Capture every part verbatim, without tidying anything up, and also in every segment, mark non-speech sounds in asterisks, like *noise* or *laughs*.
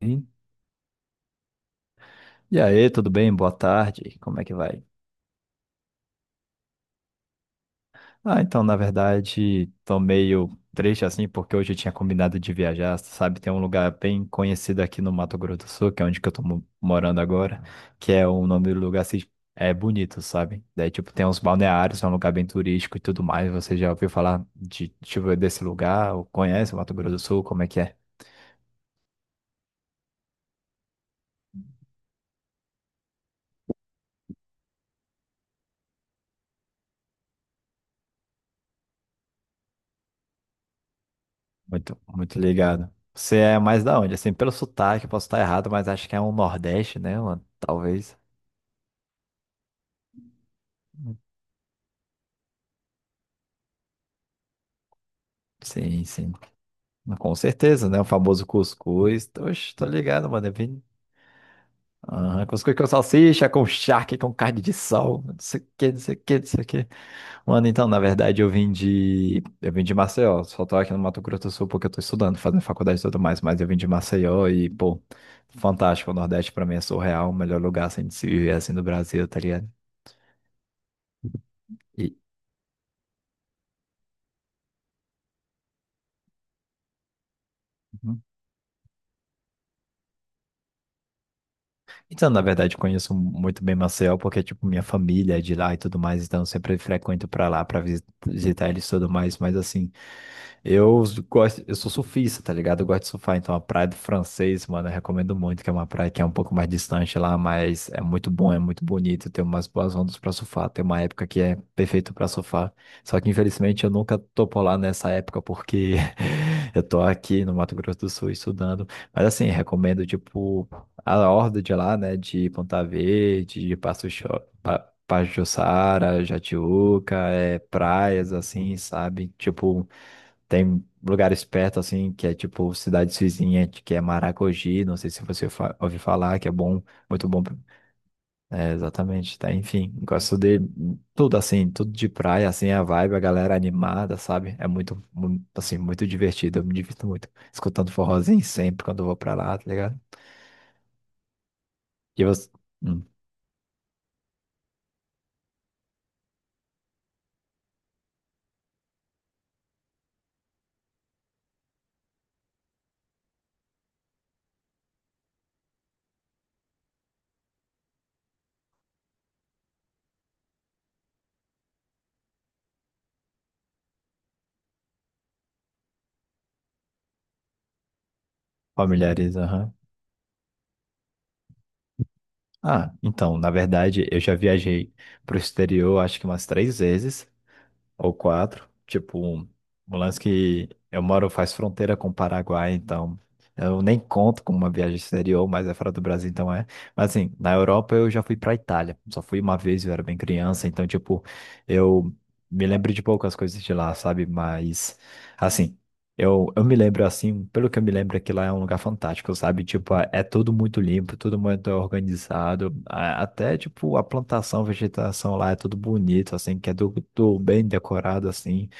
Sim. E aí, tudo bem? Boa tarde. Como é que vai? Ah, então, na verdade, tô meio triste assim, porque hoje eu tinha combinado de viajar, sabe? Tem um lugar bem conhecido aqui no Mato Grosso do Sul, que é onde que eu tô mo- morando agora, que é o nome do lugar assim, é bonito, sabe? Daí, tipo, tem uns balneários, é um lugar bem turístico e tudo mais. Você já ouviu falar de, tipo, desse lugar? Ou conhece o Mato Grosso do Sul? Como é que é? Muito, muito ligado. Você é mais da onde? Assim, pelo sotaque, posso estar errado, mas acho que é um Nordeste, né, mano? Talvez. Sim, sim. Mas com certeza, né? O famoso cuscuz. Oxe, tô ligado, mano. É bem... Aham, cuscuz com salsicha, com charque, com carne de sol. Não sei o que, não sei o que, não sei o que. Mano, então, na verdade, eu vim de... Eu vim de Maceió. Só tô aqui no Mato Grosso do Sul porque eu tô estudando, fazendo faculdade e tudo mais. Mas eu vim de Maceió e, pô, fantástico. O Nordeste pra mim é surreal. O melhor lugar, assim, de se viver, assim, do Brasil, tá ligado? E... Então, na verdade, conheço muito bem Maceió, porque, tipo, minha família é de lá e tudo mais, então eu sempre frequento pra lá pra visi- visitar eles e tudo mais, mas assim, eu gosto, eu sou surfista, tá ligado? Eu gosto de surfar, então a praia do Francês, mano, eu recomendo muito, que é uma praia que é um pouco mais distante lá, mas é muito bom, é muito bonito, tem umas boas ondas pra surfar, tem uma época que é perfeito pra surfar, só que infelizmente eu nunca tô por lá nessa época, porque *laughs* eu tô aqui no Mato Grosso do Sul estudando, mas assim, recomendo, tipo, a horda de lá, né? De Ponta Verde, de Passo Cho- Pa- Pajuçara, Jatiúca, é, praias, assim, sabe? Tipo, tem lugares perto, assim, que é tipo cidades vizinhas, que é Maragogi, não sei se você fa ouviu falar, que é bom, muito bom. É, exatamente, tá? Enfim, gosto de tudo, assim, tudo de praia, assim, a vibe, a galera animada, sabe? É muito, mu- assim, muito divertido, eu me divirto muito, escutando forrozinho sempre quando eu vou pra lá, tá ligado? E você... Hum. Familiares, aham. Ah, então, na verdade, eu já viajei pro exterior, acho que umas três vezes, ou quatro. Tipo, um, um lance que eu moro faz fronteira com o Paraguai, então eu nem conto com uma viagem exterior, mas é fora do Brasil, então é. Mas assim, na Europa eu já fui pra Itália. Só fui uma vez, eu era bem criança, então, tipo, eu me lembro de poucas coisas de lá, sabe? Mas, assim. Eu, eu me lembro assim, pelo que eu me lembro, é que lá é um lugar fantástico, sabe? Tipo, é é tudo muito limpo, tudo muito organizado. a- Até, tipo, a plantação, a vegetação lá é tudo bonito, assim, que é tudo bem decorado, assim.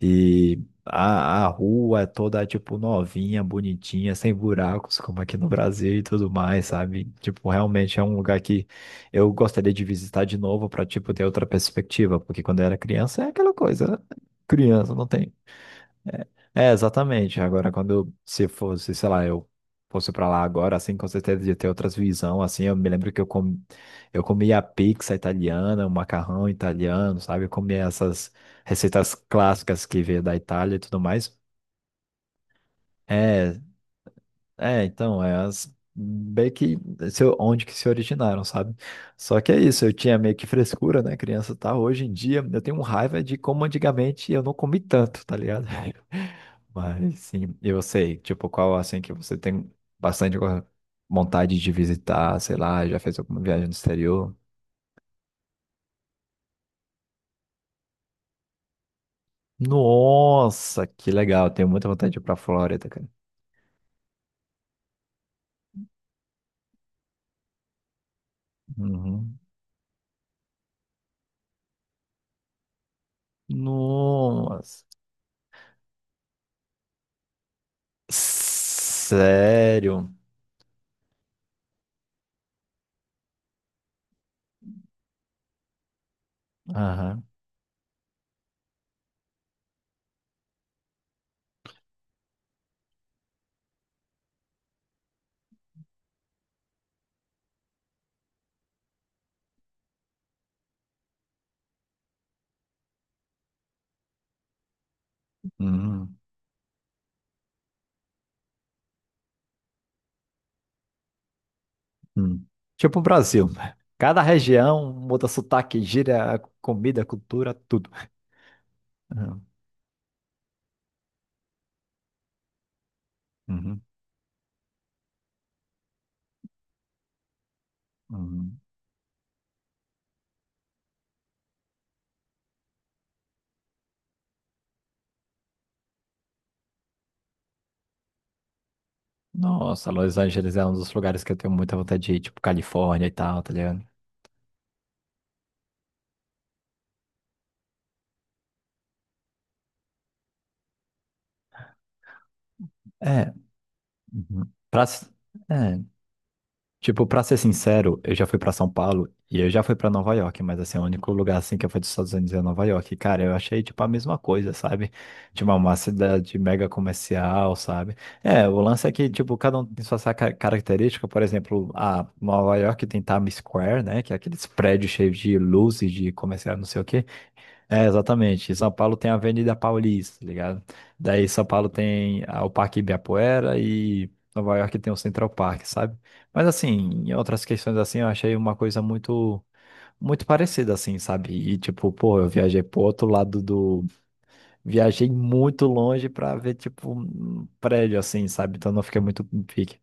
E a, a rua é toda, tipo, novinha, bonitinha, sem buracos, como aqui no Brasil e tudo mais, sabe? Tipo, realmente é um lugar que eu gostaria de visitar de novo para, tipo, ter outra perspectiva, porque quando eu era criança é aquela coisa, né? Criança, não tem. É, é, exatamente. Agora, quando se fosse, sei lá, eu fosse pra lá agora, assim, com certeza de ter outras visão, assim, eu me lembro que eu, com... eu comia pizza italiana, o macarrão italiano, sabe? Eu comia essas receitas clássicas que veio da Itália e tudo mais. É, é, então, é as bem que se- onde que se originaram, sabe? Só que é isso, eu tinha meio que frescura, né, criança, tá? Hoje em dia eu tenho raiva de como antigamente eu não comi tanto, tá ligado? *laughs* Mas sim, eu sei, tipo, qual assim que você tem bastante go- vontade de visitar, sei lá, já fez alguma viagem no exterior? Nossa, que legal, tenho muita vontade de ir pra Flórida, cara. Uhum. Nossa. Sério? Aham. Uhum. Hum. Tipo o Brasil, né? Cada região muda sotaque, gíria, comida, cultura, tudo. Uhum, uhum, uhum. Nossa, Los Angeles é um dos lugares que eu tenho muita vontade de ir, tipo Califórnia e tal, tá ligado? É. Uhum. Pra... É. Tipo, pra ser sincero, eu já fui pra São Paulo e eu já fui pra Nova York, mas assim, o único lugar assim que eu fui dos Estados Unidos é Nova York. E, cara, eu achei tipo a mesma coisa, sabe? Tipo, uma cidade mega comercial, sabe? É, o lance é que, tipo, cada um tem sua sa- ca- característica. Por exemplo, a Nova York tem Times Square, né? Que é aqueles prédios cheios de luzes, de comercial, não sei o quê. É, exatamente. Em São Paulo tem a Avenida Paulista, tá ligado? Daí São Paulo tem ah, o Parque Ibirapuera e Nova York tem o Central Park, sabe? Mas assim, em outras questões assim, eu achei uma coisa muito muito parecida assim, sabe? E tipo, pô, eu viajei pro outro lado do viajei muito longe pra ver tipo um prédio assim, sabe? Então não fiquei muito pique.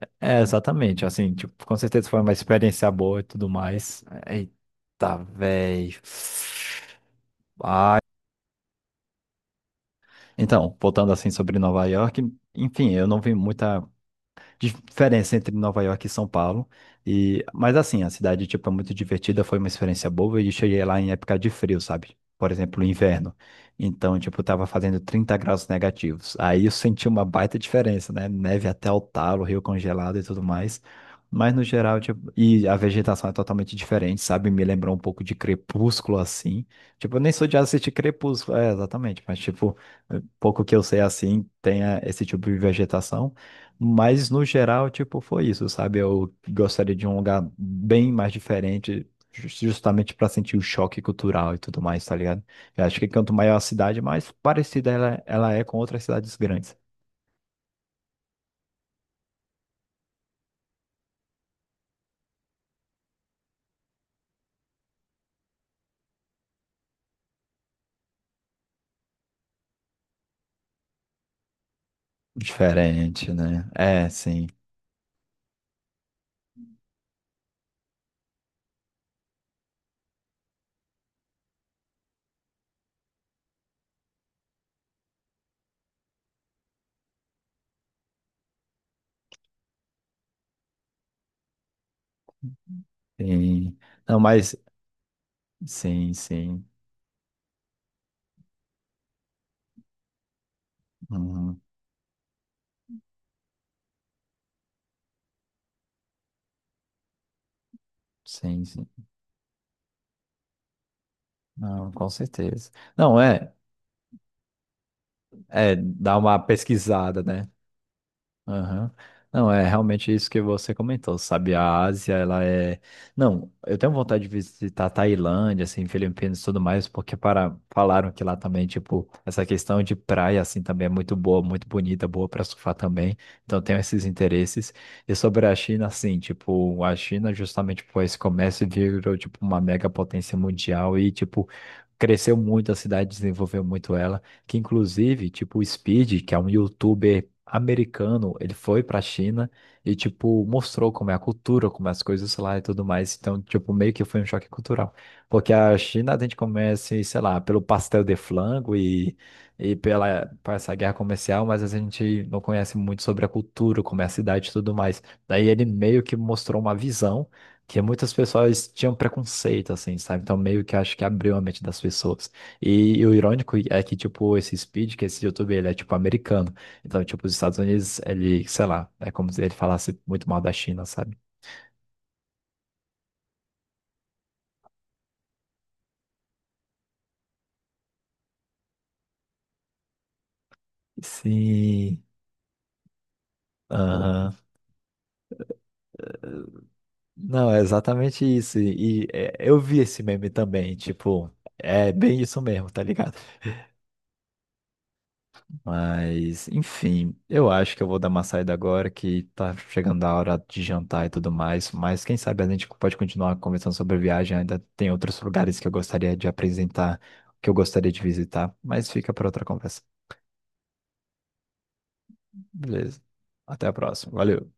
É, é, exatamente, assim, tipo, com certeza foi uma experiência boa e tudo mais. Eita, velho. Então, voltando assim sobre Nova York, enfim, eu não vi muita diferença entre Nova York e São Paulo. E, mas assim, a cidade, tipo, é muito divertida, foi uma experiência boa e cheguei lá em época de frio, sabe? Por exemplo, inverno. Então, tipo, tava fazendo trinta graus negativos. Aí eu senti uma baita diferença, né? Neve até o talo, rio congelado e tudo mais. Mas no geral, tipo, e a vegetação é totalmente diferente, sabe? Me lembrou um pouco de Crepúsculo, assim. Tipo, eu nem sou de assistir Crepúsculo, é, exatamente. Mas, tipo, pouco que eu sei assim, tem eh, esse tipo de vegetação. Mas no geral, tipo, foi isso, sabe? Eu gostaria de um lugar bem mais diferente, ju- justamente para sentir o choque cultural e tudo mais, tá ligado? Eu acho que quanto maior a cidade, mais parecida ela, ela é com outras cidades grandes. Diferente, né? É, sim, sim. Não, mas sim, sim. Uhum, sim, sim. Não, com certeza. Não, é, é dar uma pesquisada, né? Aham. Não, é realmente isso que você comentou, sabe? A Ásia, ela é. Não, eu tenho vontade de visitar a Tailândia, assim, Filipinas e tudo mais, porque para... falaram que lá também, tipo, essa questão de praia, assim, também é muito boa, muito bonita, boa para surfar também. Então, eu tenho esses interesses. E sobre a China, assim, tipo, a China, justamente por esse comércio, virou, tipo, uma mega potência mundial e, tipo, cresceu muito a cidade, desenvolveu muito ela. Que inclusive, tipo, o Speed, que é um youtuber americano, ele foi pra China e, tipo, mostrou como é a cultura, como é as coisas lá e tudo mais. Então, tipo, meio que foi um choque cultural. Porque a China a gente começa, sei lá, pelo pastel de flango e, e pela, por essa guerra comercial, mas a gente não conhece muito sobre a cultura, como é a cidade e tudo mais. Daí ele meio que mostrou uma visão que muitas pessoas tinham preconceito, assim, sabe? Então, meio que acho que abriu a mente das pessoas. E, o irônico é que, tipo, esse Speed, que esse YouTube ele é, tipo, americano. Então, tipo, os Estados Unidos, ele, sei lá, é como se ele falasse muito mal da China, sabe? Sim. Aham. Não, é exatamente isso. E, e, é, eu vi esse meme também, tipo, é bem isso mesmo, tá ligado? Mas, enfim, eu acho que eu vou dar uma saída agora que tá chegando a hora de jantar e tudo mais. Mas quem sabe a gente pode continuar conversando sobre a viagem. Ainda tem outros lugares que eu gostaria de apresentar, que eu gostaria de visitar. Mas fica para outra conversa. Beleza. Até a próxima. Valeu.